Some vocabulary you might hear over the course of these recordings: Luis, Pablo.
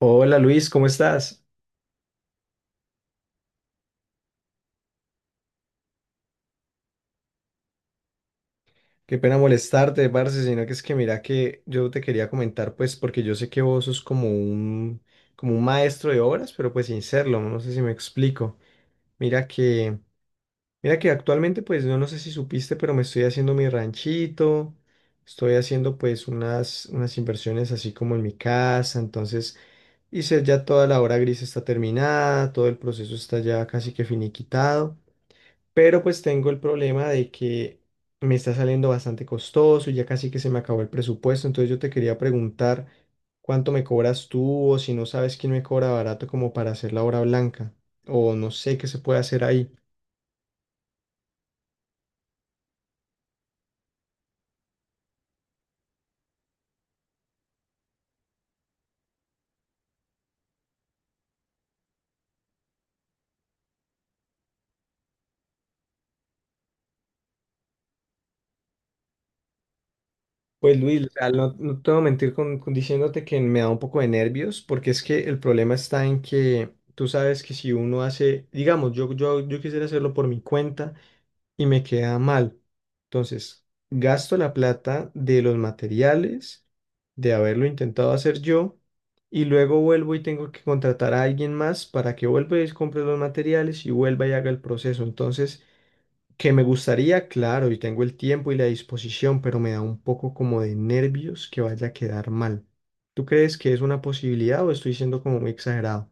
Hola Luis, ¿cómo estás? Qué pena molestarte, parce, sino que es que mira que yo te quería comentar, pues, porque yo sé que vos sos como un maestro de obras, pero pues sin serlo, no sé si me explico. Mira que, mira que actualmente, pues, no sé si supiste, pero me estoy haciendo mi ranchito, estoy haciendo pues unas inversiones así como en mi casa, entonces hice ya toda la obra gris está terminada, todo el proceso está ya casi que finiquitado. Pero pues tengo el problema de que me está saliendo bastante costoso y ya casi que se me acabó el presupuesto. Entonces yo te quería preguntar cuánto me cobras tú o si no sabes quién me cobra barato como para hacer la obra blanca o no sé qué se puede hacer ahí. Pues Luis, o sea, no, no te voy a mentir con diciéndote que me da un poco de nervios porque es que el problema está en que tú sabes que si uno hace, digamos, yo quisiera hacerlo por mi cuenta. Y me queda mal. Entonces, gasto la plata de los materiales, de haberlo intentado hacer yo, y luego vuelvo y tengo que contratar a alguien más para que vuelva y compre los materiales y vuelva y haga el proceso. Entonces, que me gustaría, claro, y tengo el tiempo y la disposición, pero me da un poco como de nervios que vaya a quedar mal. ¿Tú crees que es una posibilidad o estoy siendo como muy exagerado?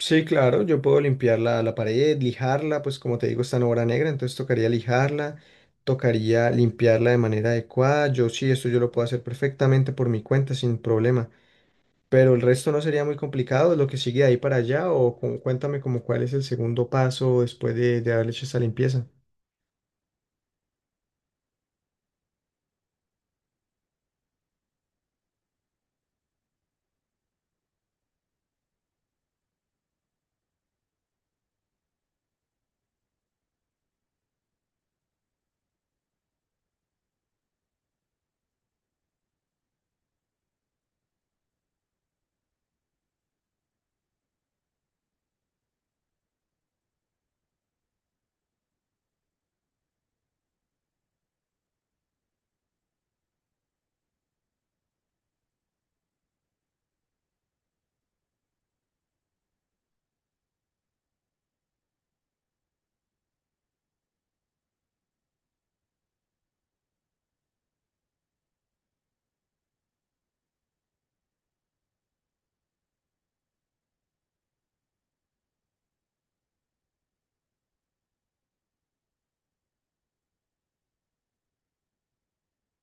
Sí, claro, yo puedo limpiar la pared, lijarla, pues como te digo, está en obra negra, entonces tocaría lijarla, tocaría limpiarla de manera adecuada. Yo sí, esto yo lo puedo hacer perfectamente por mi cuenta, sin problema. Pero el resto no sería muy complicado, lo que sigue de ahí para allá, o cuéntame como cuál es el segundo paso después de haber hecho esta limpieza.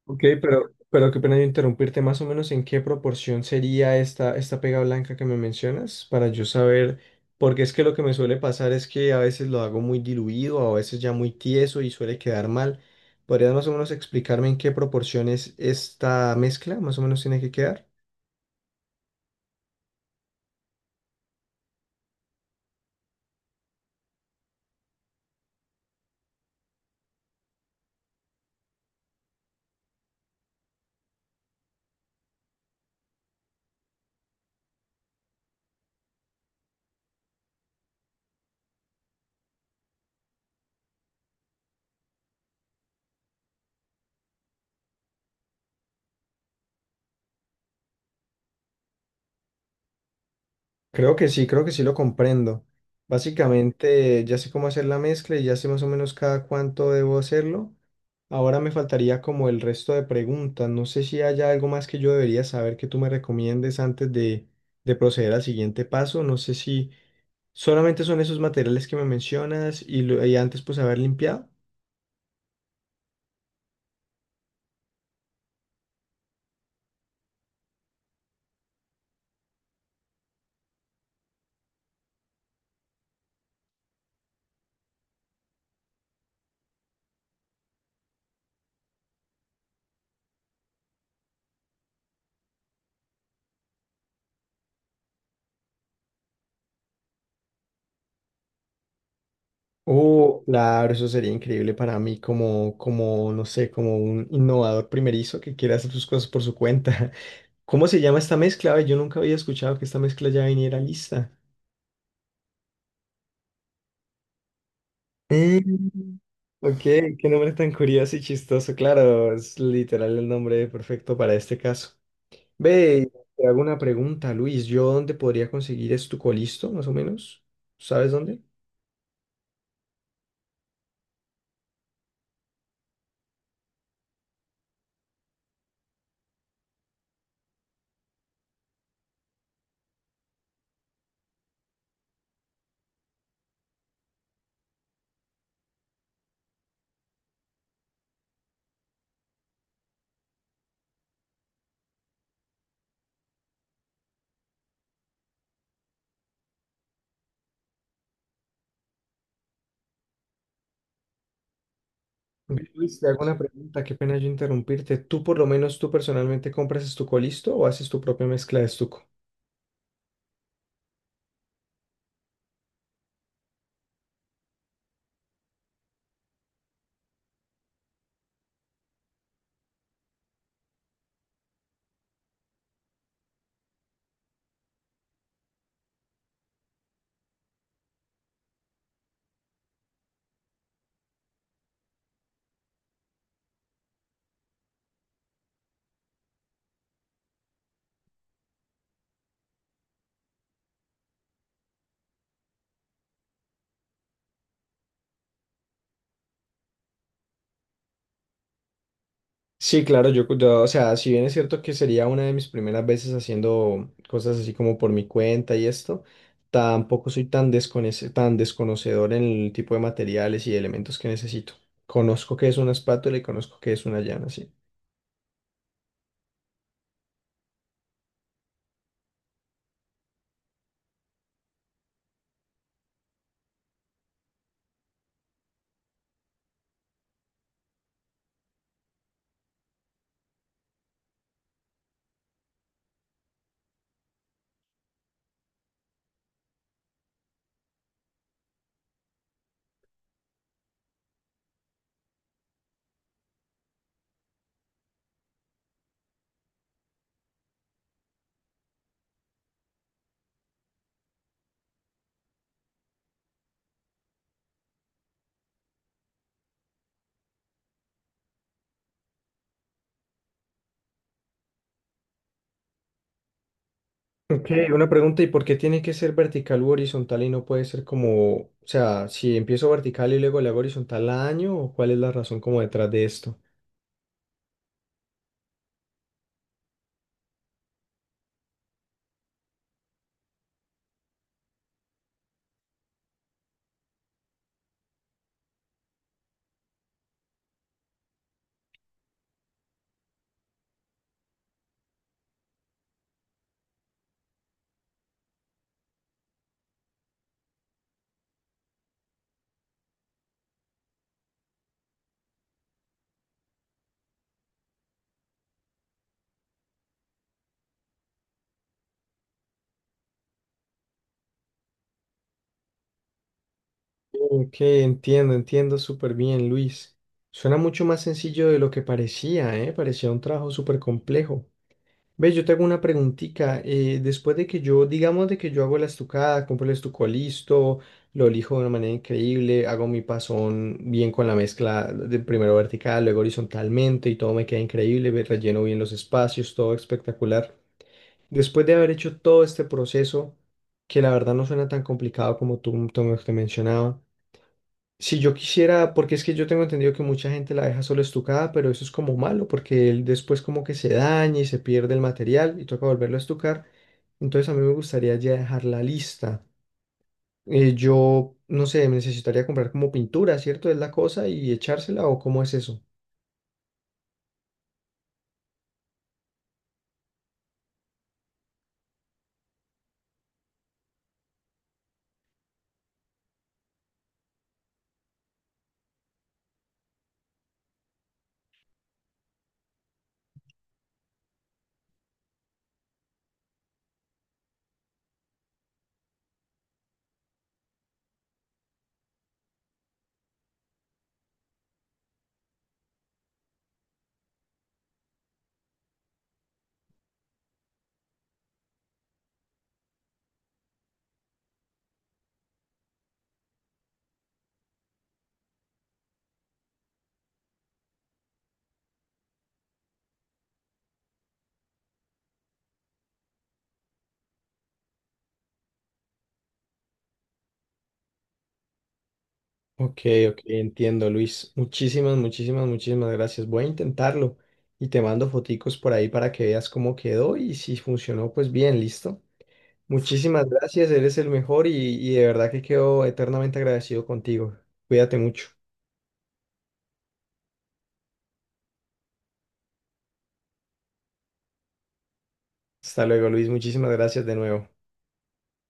Ok, pero qué pena yo interrumpirte, más o menos en qué proporción sería esta pega blanca que me mencionas para yo saber, porque es que lo que me suele pasar es que a veces lo hago muy diluido, a veces ya muy tieso y suele quedar mal. ¿Podrías más o menos explicarme en qué proporciones esta mezcla más o menos tiene que quedar? Creo que sí lo comprendo. Básicamente ya sé cómo hacer la mezcla y ya sé más o menos cada cuánto debo hacerlo. Ahora me faltaría como el resto de preguntas. No sé si haya algo más que yo debería saber que tú me recomiendes antes de proceder al siguiente paso. No sé si solamente son esos materiales que me mencionas y, y antes pues haber limpiado. Oh, claro, eso sería increíble para mí como no sé, como un innovador primerizo que quiere hacer sus cosas por su cuenta. ¿Cómo se llama esta mezcla? Ay, yo nunca había escuchado que esta mezcla ya viniera lista. Mm, ok, qué nombre tan curioso y chistoso. Claro, es literal el nombre perfecto para este caso. Ve, te hago una pregunta, Luis. ¿Yo dónde podría conseguir estucolisto, más o menos? ¿Sabes dónde? Ve, Luis, te hago una pregunta. Qué pena yo interrumpirte. ¿Tú, por lo menos, tú personalmente compras estucolisto o haces tu propia mezcla de estuco? Sí, claro, o sea, si bien es cierto que sería una de mis primeras veces haciendo cosas así como por mi cuenta y esto, tampoco soy tan desconocedor en el tipo de materiales y de elementos que necesito. Conozco que es una espátula y conozco que es una llana, sí. Ok, una pregunta, ¿y por qué tiene que ser vertical u horizontal y no puede ser como, o sea, si empiezo vertical y luego le hago horizontal a año, o cuál es la razón como detrás de esto? Ok, entiendo, entiendo súper bien, Luis. Suena mucho más sencillo de lo que parecía, ¿eh? Parecía un trabajo súper complejo. Ve, yo te hago una preguntita. Después de que yo, digamos de que yo hago la estucada, compro el estuco listo, lo lijo de una manera increíble, hago mi pasón bien con la mezcla de primero vertical, luego horizontalmente y todo me queda increíble, ve, relleno bien los espacios, todo espectacular. Después de haber hecho todo este proceso, que la verdad no suena tan complicado como tú me mencionabas. Si yo quisiera, porque es que yo tengo entendido que mucha gente la deja solo estucada, pero eso es como malo, porque él después como que se daña y se pierde el material y toca volverlo a estucar. Entonces a mí me gustaría ya dejarla lista. Yo, no sé, necesitaría comprar como pintura, ¿cierto? Es la cosa y echársela o cómo es eso. Ok, ok, entiendo, Luis. Muchísimas, muchísimas, muchísimas gracias. Voy a intentarlo y te mando foticos por ahí para que veas cómo quedó y si funcionó, pues bien, listo. Muchísimas gracias, eres el mejor y de verdad que quedo eternamente agradecido contigo. Cuídate mucho. Hasta luego, Luis. Muchísimas gracias de nuevo.